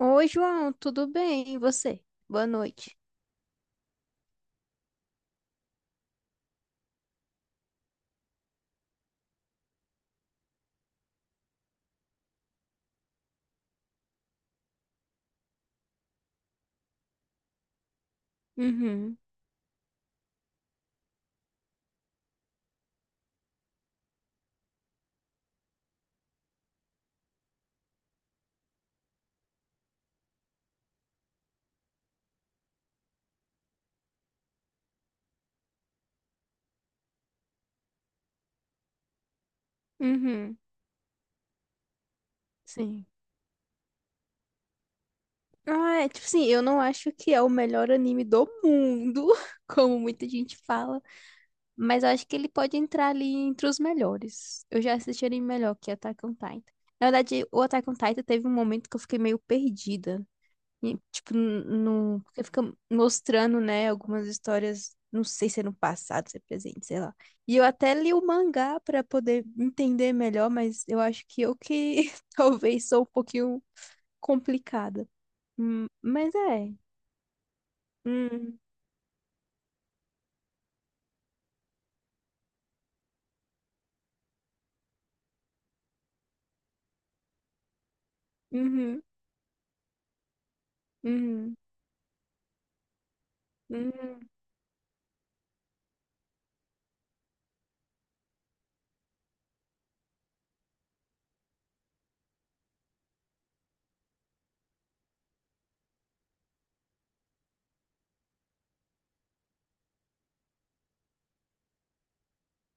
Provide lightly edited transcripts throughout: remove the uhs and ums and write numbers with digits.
Oi, João, tudo bem? E você? Boa noite. Uhum. Uhum. Sim. Ah, é tipo assim, eu não acho que é o melhor anime do mundo, como muita gente fala, mas eu acho que ele pode entrar ali entre os melhores. Eu já assisti anime melhor que é Attack on Titan. Na verdade, o Attack on Titan teve um momento que eu fiquei meio perdida. E, tipo, no porque fica mostrando, né, algumas histórias, não sei se é no passado, se é presente, sei lá. E eu até li o mangá pra poder entender melhor, mas eu acho que eu que talvez sou um pouquinho complicada. Hum. Mas é. Hum. Uhum. Uhum. Uhum.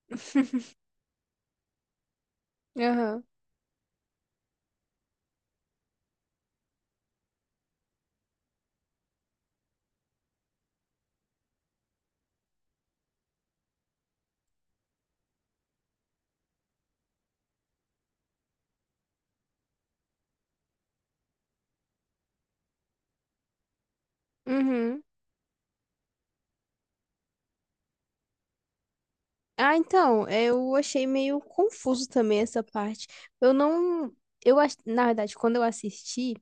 Aham. Uhum. Ah, então, eu achei meio confuso também essa parte. Eu não. Na verdade, quando eu assisti,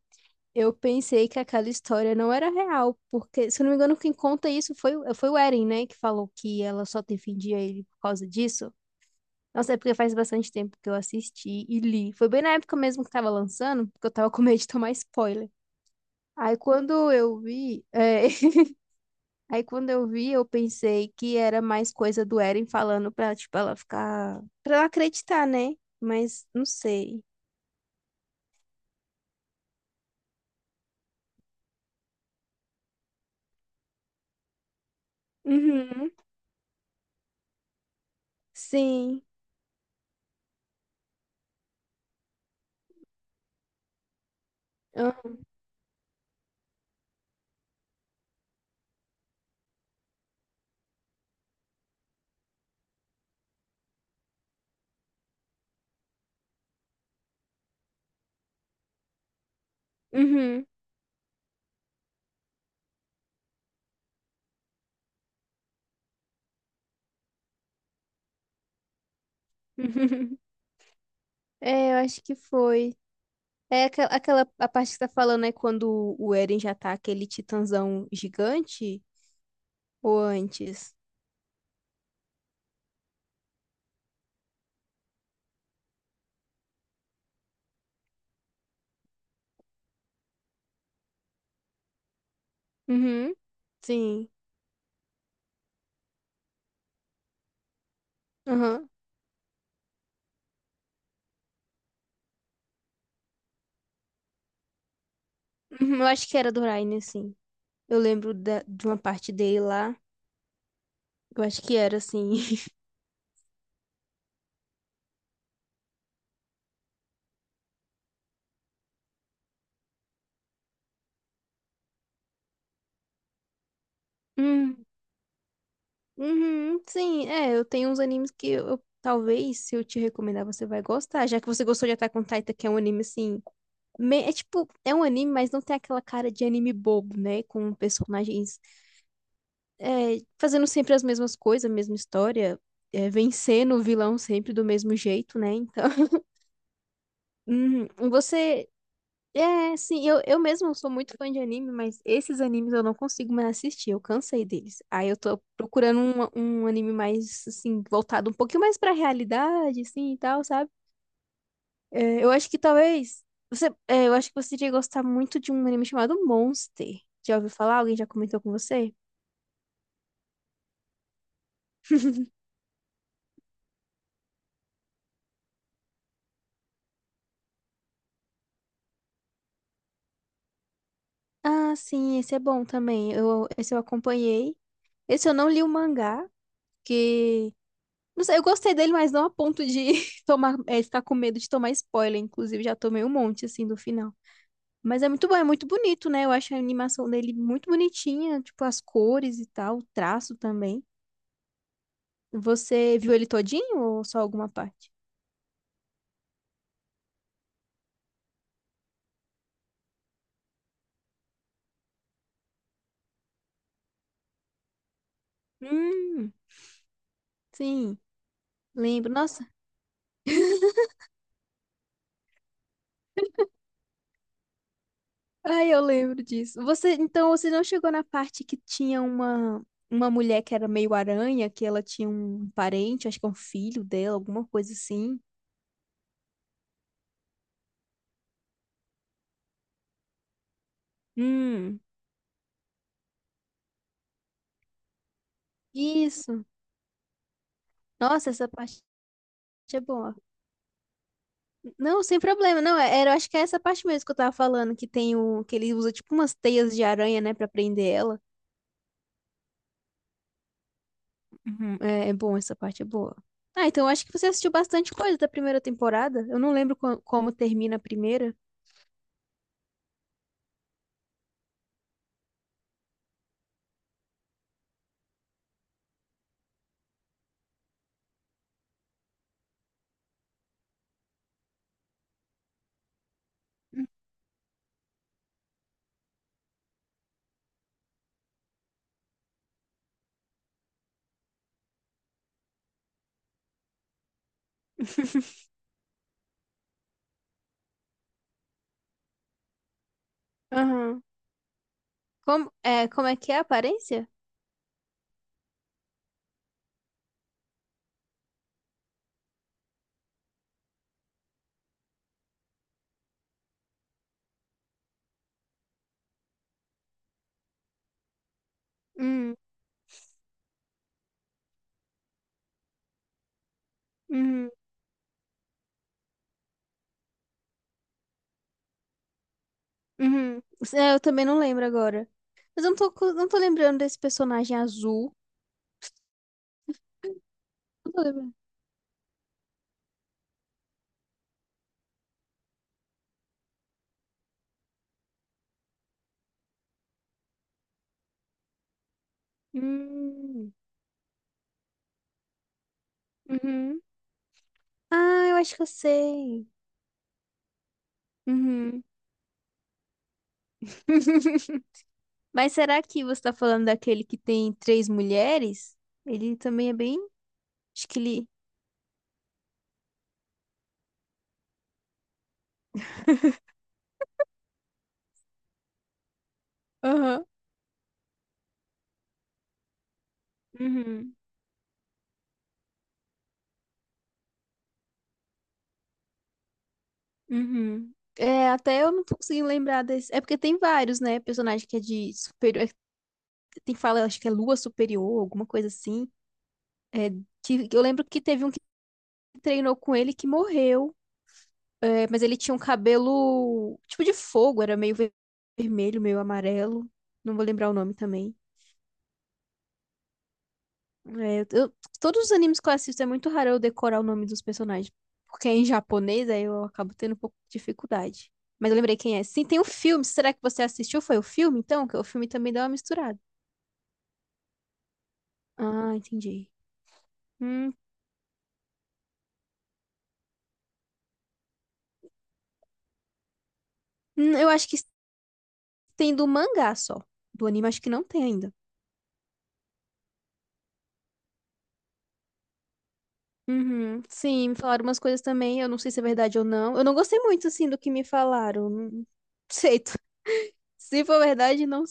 eu pensei que aquela história não era real, porque, se eu não me engano, quem conta isso foi o Eren, né? Que falou que ela só defendia ele por causa disso. Nossa, é porque faz bastante tempo que eu assisti e li. Foi bem na época mesmo que tava lançando, porque eu tava com medo de tomar spoiler. Aí quando eu vi, é, aí quando eu vi, eu pensei que era mais coisa do Eren falando pra, tipo, ela ficar, pra ela acreditar, né? Mas não sei. Uhum. Sim. Ah. Uhum. É, eu acho que foi. É aquela a parte que tá falando é quando o Eren já tá aquele titãzão gigante ou antes? Uhum. Sim. Aham. Uhum. Eu acho que era do Ryan, sim. Eu lembro de uma parte dele lá. Eu acho que era assim. Hum. Uhum. Sim, é, eu tenho uns animes que talvez se eu te recomendar você vai gostar, já que você gostou de Attack on Titan, que é um anime assim, é tipo, é um anime, mas não tem aquela cara de anime bobo, né, com personagens fazendo sempre as mesmas coisas, a mesma história, vencendo o vilão sempre do mesmo jeito, né? Então, você. É, sim, eu mesmo sou muito fã de anime, mas esses animes eu não consigo mais assistir, eu cansei deles. Aí eu tô procurando um anime mais, assim, voltado um pouquinho mais pra realidade, assim, e tal, sabe? É, eu acho que talvez. Eu acho que você iria gostar muito de um anime chamado Monster. Já ouviu falar? Alguém já comentou com você? Ah, sim, esse é bom também. Esse eu acompanhei. Esse eu não li o mangá, que não sei, eu gostei dele, mas não a ponto de ficar com medo de tomar spoiler. Inclusive, já tomei um monte, assim, do final. Mas é muito bom, é muito bonito, né? Eu acho a animação dele muito bonitinha, tipo, as cores e tal, o traço também. Você viu ele todinho ou só alguma parte? Hum, sim, lembro. Nossa, ai, eu lembro disso. Então, você não chegou na parte que tinha uma mulher que era meio aranha, que ela tinha um parente, acho que é um filho dela, alguma coisa assim. Hum, isso. Nossa, essa parte é boa. Não, sem problema. Não, era, acho que é essa parte mesmo que eu tava falando, que tem o que ele usa tipo umas teias de aranha, né, pra prender ela. Uhum. É, é bom, essa parte é boa. Ah, então eu acho que você assistiu bastante coisa da primeira temporada. Eu não lembro como termina a primeira. Aham. Como é que é a aparência? Hum. Uhum. Uhum. É, eu também não lembro agora. Mas eu não tô lembrando desse personagem azul. Não tô lembrando. Hum. Uhum. Ah, eu acho que eu sei. Uhum. Mas será que você tá falando daquele que tem três mulheres? Ele também é bem. Acho que ele. Aham. Uhum. Uhum. É, até eu não tô conseguindo lembrar desse. É porque tem vários, né? Personagem que é de superior. Tem fala, acho que é Lua Superior, alguma coisa assim. Que eu lembro que teve um que treinou com ele que morreu. É, mas ele tinha um cabelo tipo de fogo, era meio vermelho, meio amarelo. Não vou lembrar o nome também. É, todos os animes que eu assisto é muito raro eu decorar o nome dos personagens. Porque é em japonês, aí eu acabo tendo um pouco de dificuldade. Mas eu lembrei quem é. Sim, tem o filme. Será que você assistiu? Foi o filme, então? Que o filme também dá uma misturada. Ah, entendi. Hum, eu acho que tem do mangá só. Do anime, acho que não tem ainda. Uhum, sim, me falaram umas coisas também. Eu não sei se é verdade ou não. Eu não gostei muito, assim, do que me falaram. Não, não sei. Se for verdade, não.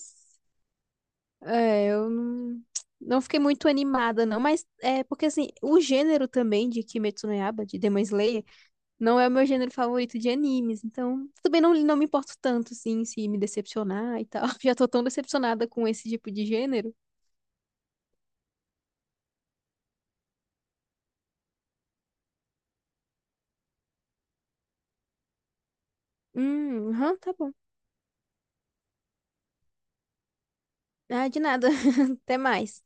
É, eu não, não fiquei muito animada, não, mas é porque assim, o gênero também de Kimetsu no Yaiba, de Demon Slayer, não é o meu gênero favorito de animes, então também não, não me importo tanto, assim, se me decepcionar e tal. Já tô tão decepcionada com esse tipo de gênero. Aham, tá bom. Ah, de nada. Até mais.